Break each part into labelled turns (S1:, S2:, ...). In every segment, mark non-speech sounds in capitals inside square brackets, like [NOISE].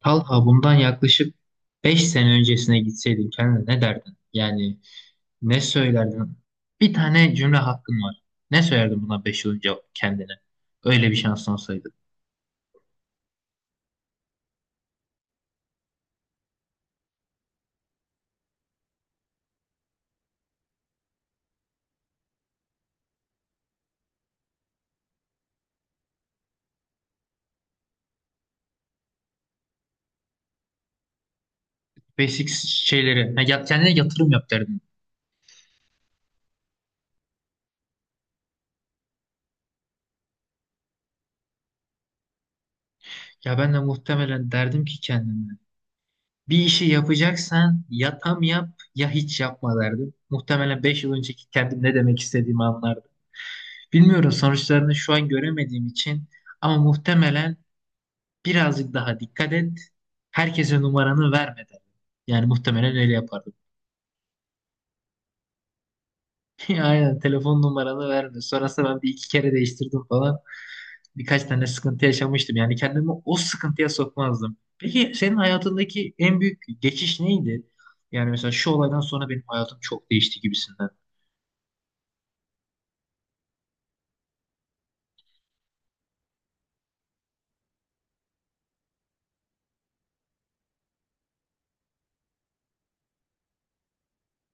S1: Talha bundan yaklaşık 5 sene öncesine gitseydin kendine ne derdin? Yani ne söylerdin? Bir tane cümle hakkın var. Ne söylerdin buna 5 yıl önce kendine? Öyle bir şansın olsaydı. Basic şeyleri. Kendine yatırım yap derdin. Ya ben de muhtemelen derdim ki kendime. Bir işi yapacaksan ya tam yap ya hiç yapma derdim. Muhtemelen 5 yıl önceki kendim ne demek istediğimi anlardım. Bilmiyorum sonuçlarını şu an göremediğim için ama muhtemelen birazcık daha dikkat et. Herkese numaranı verme derdim. Yani muhtemelen öyle yapardım. [LAUGHS] Aynen telefon numaranı verme. Sonrasında ben bir iki kere değiştirdim falan. Birkaç tane sıkıntı yaşamıştım. Yani kendimi o sıkıntıya sokmazdım. Peki senin hayatındaki en büyük geçiş neydi? Yani mesela şu olaydan sonra benim hayatım çok değişti gibisinden.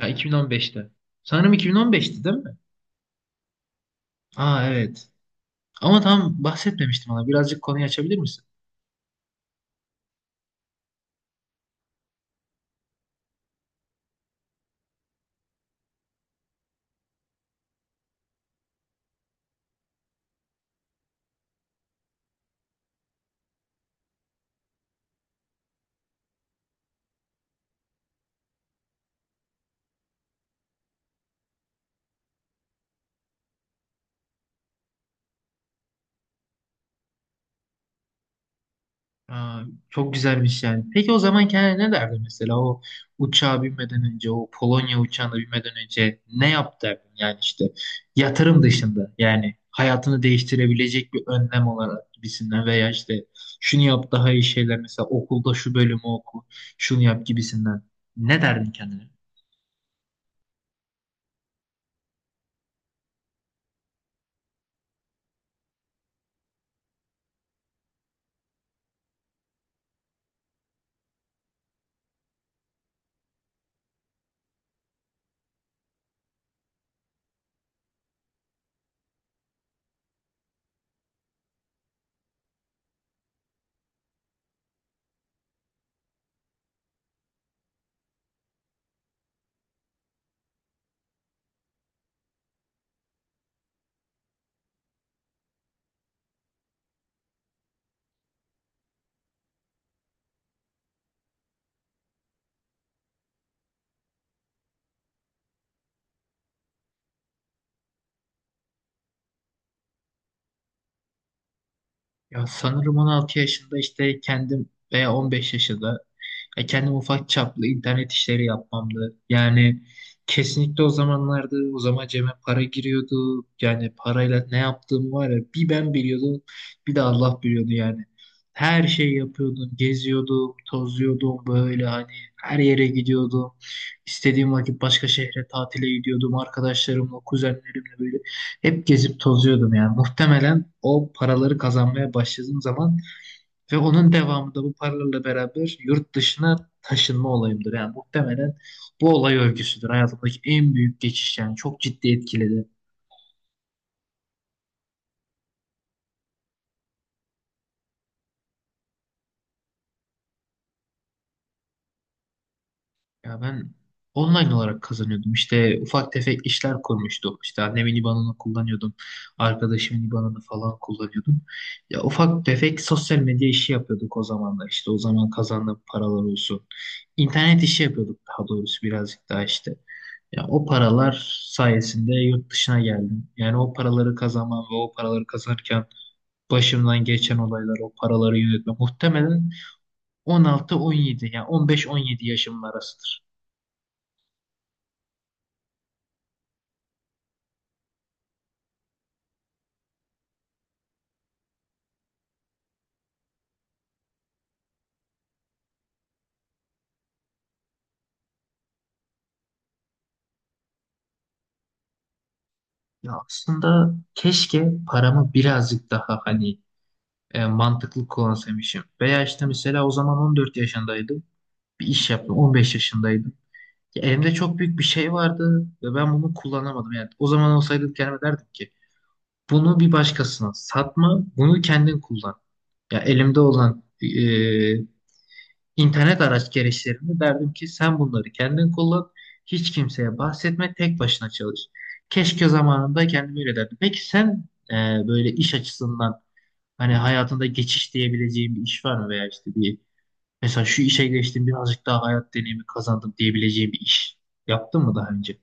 S1: Ya 2015'te. Sanırım 2015'ti değil mi? Aa, evet. Ama tam bahsetmemiştim ona. Birazcık konuyu açabilir misin? Aa, çok güzelmiş yani. Peki o zaman kendine ne derdi mesela o uçağa binmeden önce, o Polonya uçağına binmeden önce ne yap derdin, yani işte yatırım dışında, yani hayatını değiştirebilecek bir önlem olarak gibisinden veya işte şunu yap daha iyi şeyler, mesela okulda şu bölümü oku, şunu yap gibisinden, ne derdin kendine? Ya sanırım 16 yaşında işte kendim veya 15 yaşında, ya kendim ufak çaplı internet işleri yapmamdı. Yani kesinlikle o zamanlarda, o zaman cebe para giriyordu. Yani parayla ne yaptığım var ya, bir ben biliyordum, bir de Allah biliyordu yani. Her şeyi yapıyordum, geziyordum, tozuyordum böyle hani, her yere gidiyordum. İstediğim vakit başka şehre tatile gidiyordum arkadaşlarımla, kuzenlerimle böyle. Hep gezip tozuyordum yani. Muhtemelen o paraları kazanmaya başladığım zaman ve onun devamında bu paralarla beraber yurt dışına taşınma olayımdır. Yani muhtemelen bu olay örgüsüdür. Hayatımdaki en büyük geçiş, yani çok ciddi etkiledi. Ya ben online olarak kazanıyordum. İşte ufak tefek işler koymuştum. İşte annemin IBAN'ını kullanıyordum. Arkadaşımın IBAN'ını falan kullanıyordum. Ya ufak tefek sosyal medya işi yapıyorduk o zamanlar. İşte o zaman kazandığım paralar olsun. İnternet işi yapıyorduk daha doğrusu birazcık daha işte. Ya o paralar sayesinde yurt dışına geldim. Yani o paraları kazanmam ve o paraları kazanırken başımdan geçen olaylar, o paraları yönetme muhtemelen 16-17, yani 15-17 yaşımın arasıdır. Ya aslında keşke paramı birazcık daha hani mantıklı kullanabilmişim. Veya işte mesela o zaman 14 yaşındaydım. Bir iş yaptım. 15 yaşındaydım. Ya elimde çok büyük bir şey vardı ve ben bunu kullanamadım. Yani o zaman olsaydı kendime derdim ki bunu bir başkasına satma, bunu kendin kullan. Ya elimde olan İnternet araç gereçlerini derdim ki sen bunları kendin kullan, hiç kimseye bahsetme, tek başına çalış. Keşke zamanında kendime öyle derdim. Peki sen e, böyle iş açısından hani hayatında geçiş diyebileceğin bir iş var mı veya işte bir, mesela şu işe geçtim birazcık daha hayat deneyimi kazandım diyebileceğin bir iş yaptın mı daha önce?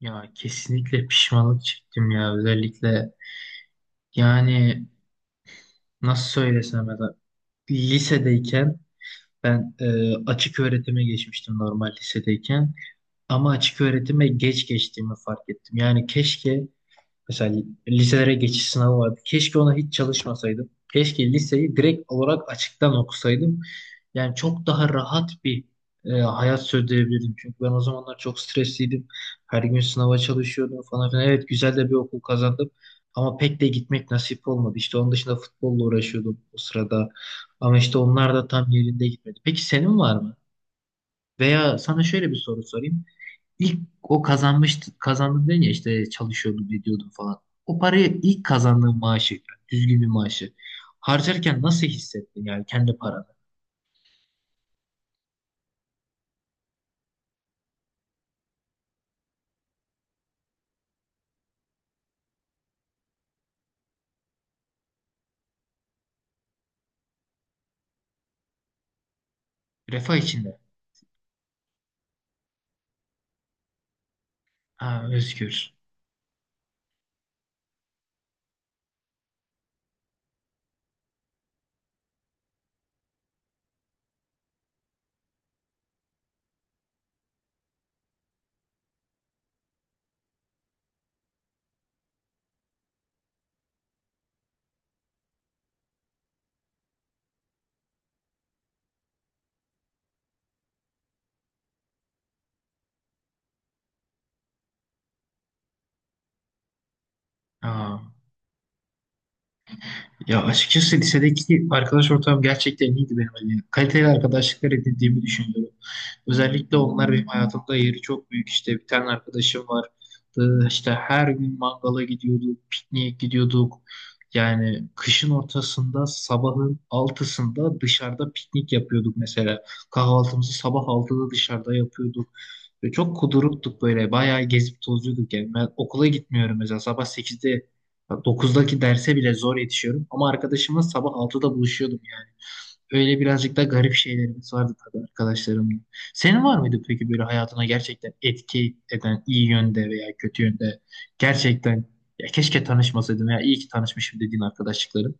S1: Ya kesinlikle pişmanlık çektim ya, özellikle yani nasıl söylesem, ya da lisedeyken ben açık öğretime geçmiştim normal lisedeyken. Ama açık öğretime geç geçtiğimi fark ettim. Yani keşke mesela liselere geçiş sınavı vardı. Keşke ona hiç çalışmasaydım. Keşke liseyi direkt olarak açıktan okusaydım. Yani çok daha rahat bir hayat sürdürebilirdim. Çünkü ben o zamanlar çok stresliydim. Her gün sınava çalışıyordum falan filan. Evet güzel de bir okul kazandım. Ama pek de gitmek nasip olmadı. İşte onun dışında futbolla uğraşıyordum o sırada. Ama işte onlar da tam yerinde gitmedi. Peki senin var mı? Veya sana şöyle bir soru sorayım. İlk o kazanmıştı, kazandı dedin ya, işte çalışıyordum ediyordum falan. O parayı ilk kazandığın maaşı, yani düzgün bir maaşı harcarken nasıl hissettin, yani kendi paranı? Refah içinde. Ha, özgür. Ha. Ya açıkçası lisedeki arkadaş ortamım gerçekten iyiydi benim. Yani kaliteli arkadaşlıklar edindiğimi düşünüyorum. Özellikle onlar benim hayatımda yeri çok büyük. İşte bir tane arkadaşım var. İşte her gün mangala gidiyorduk, pikniğe gidiyorduk. Yani kışın ortasında sabahın 6'sında dışarıda piknik yapıyorduk mesela. Kahvaltımızı sabah 6'da dışarıda yapıyorduk. Ve çok kuduruktuk böyle. Bayağı gezip tozuyorduk yani. Ben okula gitmiyorum mesela. Sabah 8'de, 9'daki derse bile zor yetişiyorum. Ama arkadaşımla sabah 6'da buluşuyordum yani. Öyle birazcık da garip şeylerimiz vardı tabii arkadaşlarımla. Senin var mıydı peki böyle hayatına gerçekten etki eden iyi yönde veya kötü yönde, gerçekten ya keşke tanışmasaydım ya iyi ki tanışmışım dediğin arkadaşlıkların?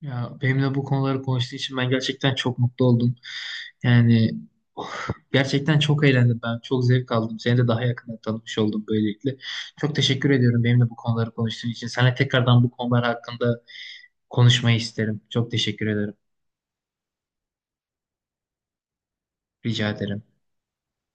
S1: Ya benimle bu konuları konuştuğu için ben gerçekten çok mutlu oldum. Yani oh, gerçekten çok eğlendim ben. Çok zevk aldım. Seni de daha yakından tanımış oldum böylelikle. Çok teşekkür ediyorum benimle bu konuları konuştuğun için. Sana tekrardan bu konular hakkında konuşmayı isterim. Çok teşekkür ederim. Rica ederim.